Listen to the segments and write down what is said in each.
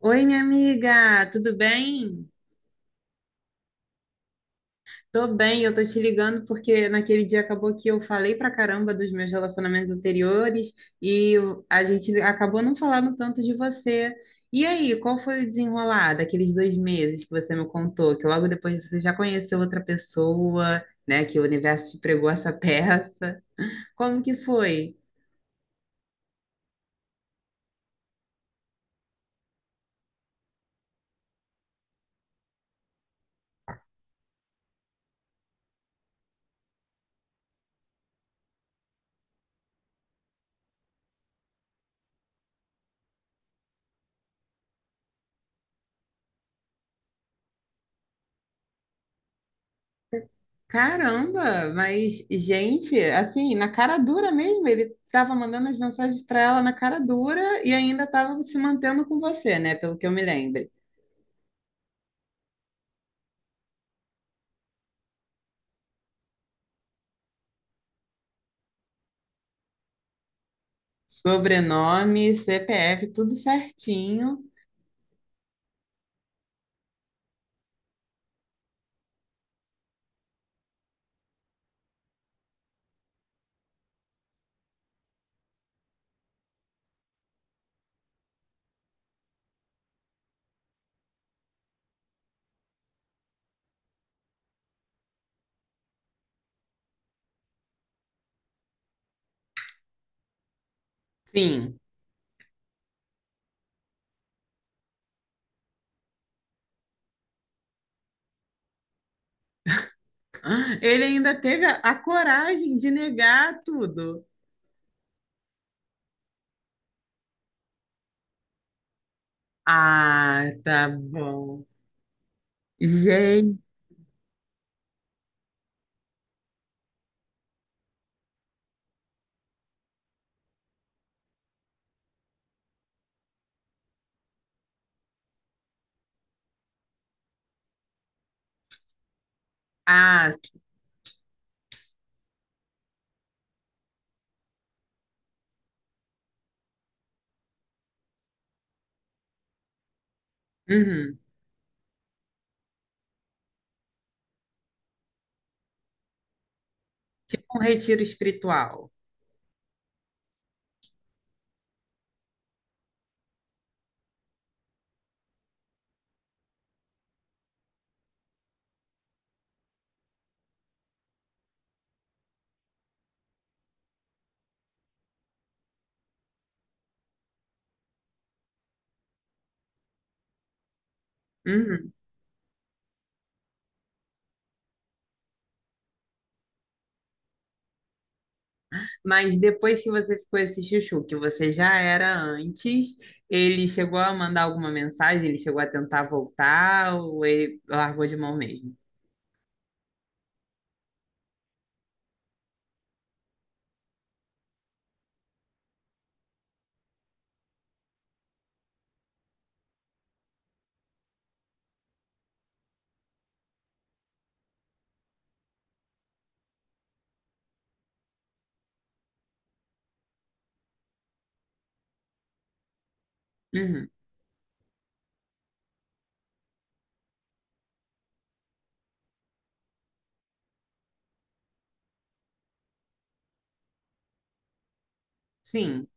Oi, minha amiga, tudo bem? Tô bem, eu tô te ligando porque naquele dia acabou que eu falei pra caramba dos meus relacionamentos anteriores e a gente acabou não falando tanto de você. E aí, qual foi o desenrolar daqueles dois meses que você me contou? Que logo depois você já conheceu outra pessoa, né? Que o universo te pregou essa peça. Como que foi? Caramba, mas gente, assim, na cara dura mesmo, ele estava mandando as mensagens para ela na cara dura e ainda estava se mantendo com você, né? Pelo que eu me lembro. Sobrenome, CPF, tudo certinho. Sim. Ele ainda teve a coragem de negar tudo. Ah, tá bom. Gente, ah, uhum. Tipo um retiro espiritual. Uhum. Mas depois que você ficou esse chuchu, que você já era antes, ele chegou a mandar alguma mensagem? Ele chegou a tentar voltar ou ele largou de mão mesmo? Uhum, sim.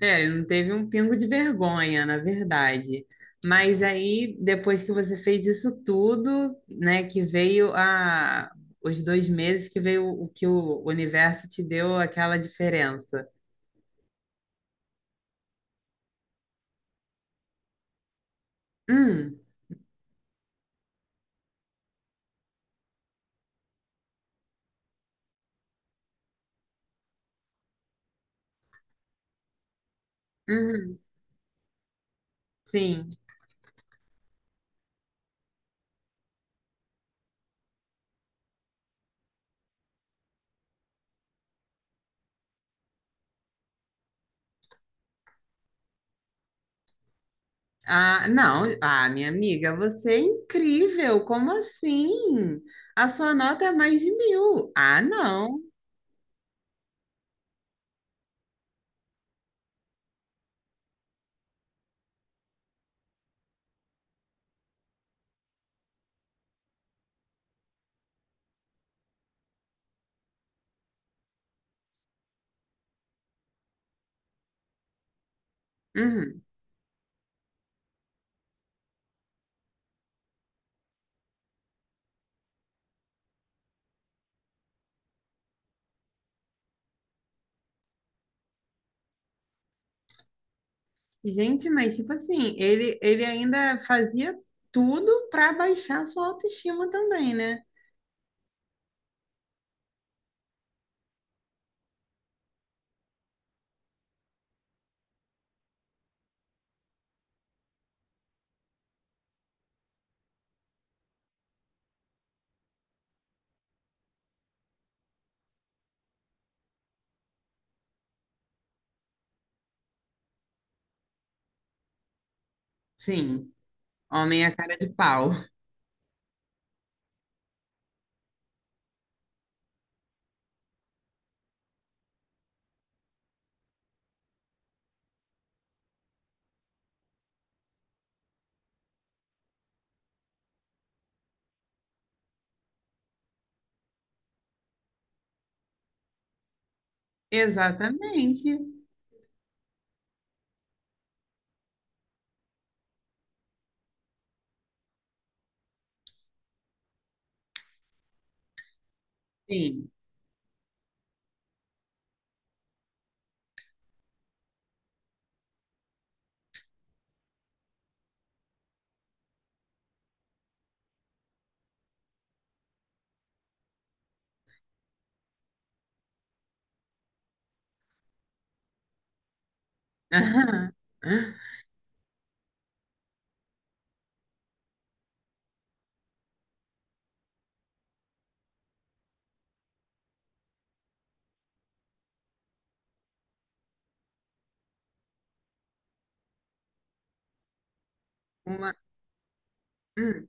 É, ele não teve um pingo de vergonha, na verdade. Mas aí, depois que você fez isso tudo, né, que veio a os dois meses que veio o que o universo te deu aquela diferença. Hum, uhum, sim. Ah, não. Ah, minha amiga, você é incrível. Como assim? A sua nota é mais de mil. Ah, não. Uhum. Gente, mas tipo assim, ele ainda fazia tudo para baixar a sua autoestima também, né? Sim. Homem é cara de pau. Exatamente. Sim. Aham. Uma... hum.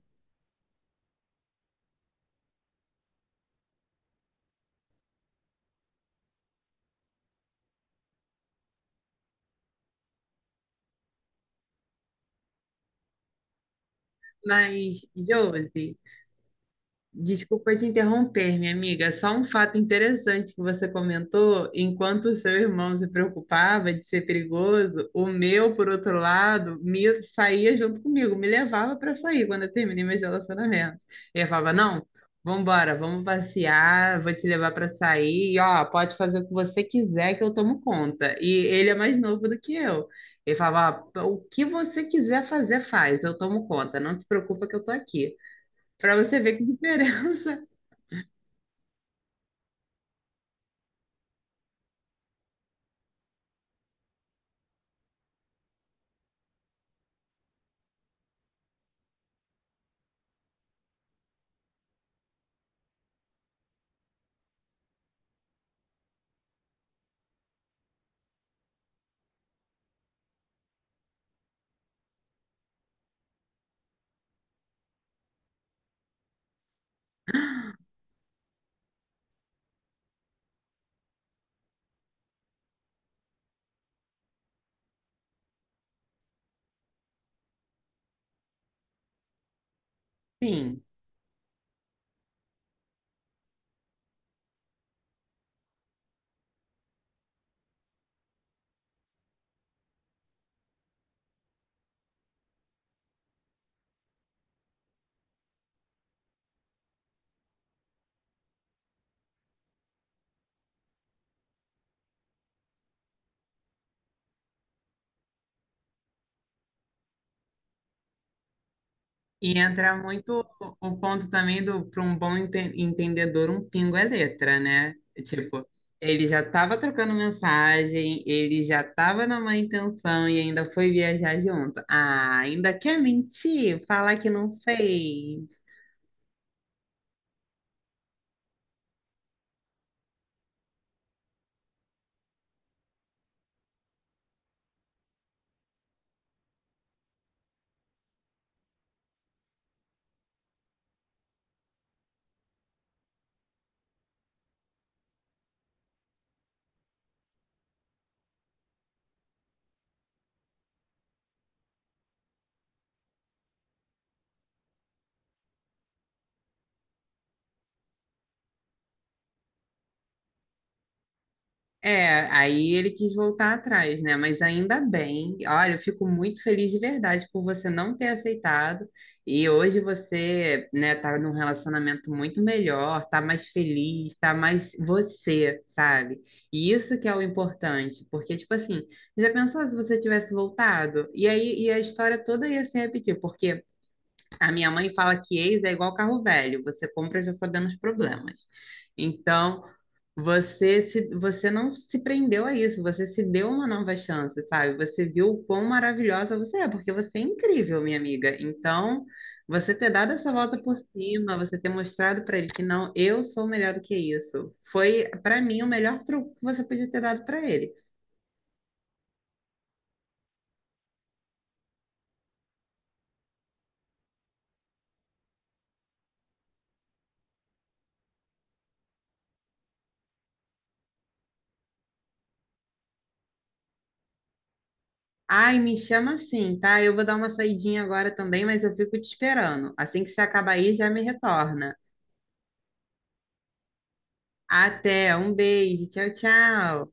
Mas, Josi, desculpa te interromper, minha amiga. Só um fato interessante que você comentou: enquanto o seu irmão se preocupava de ser perigoso, o meu, por outro lado, me saía junto comigo, me levava para sair quando eu terminei meus relacionamentos. Ele falava: Não, vambora, vamos passear, vou te levar para sair, e, ó, pode fazer o que você quiser que eu tomo conta. E ele é mais novo do que eu. Ele falava: "Ó, o que você quiser fazer, faz, eu tomo conta, não se preocupa que eu tô aqui." Para você ver que diferença. Sim. E entra muito o ponto também do para um bom entendedor, um pingo é letra, né? Tipo, ele já estava trocando mensagem, ele já estava na má intenção e ainda foi viajar junto. Ah, ainda quer mentir? Falar que não fez. É, aí ele quis voltar atrás, né? Mas ainda bem. Olha, eu fico muito feliz de verdade por você não ter aceitado. E hoje você, né, tá num relacionamento muito melhor, tá mais feliz, tá mais você, sabe? E isso que é o importante, porque tipo assim, já pensou se você tivesse voltado? E aí e a história toda ia se repetir, porque a minha mãe fala que ex é igual carro velho, você compra já sabendo os problemas. Então, você não se prendeu a isso, você se deu uma nova chance, sabe? Você viu o quão maravilhosa você é, porque você é incrível, minha amiga. Então, você ter dado essa volta por cima, você ter mostrado para ele que não, eu sou melhor do que isso, foi para mim o melhor truque que você podia ter dado para ele. Ai, me chama assim, tá? Eu vou dar uma saidinha agora também, mas eu fico te esperando. Assim que você acabar aí, já me retorna. Até, um beijo, tchau, tchau.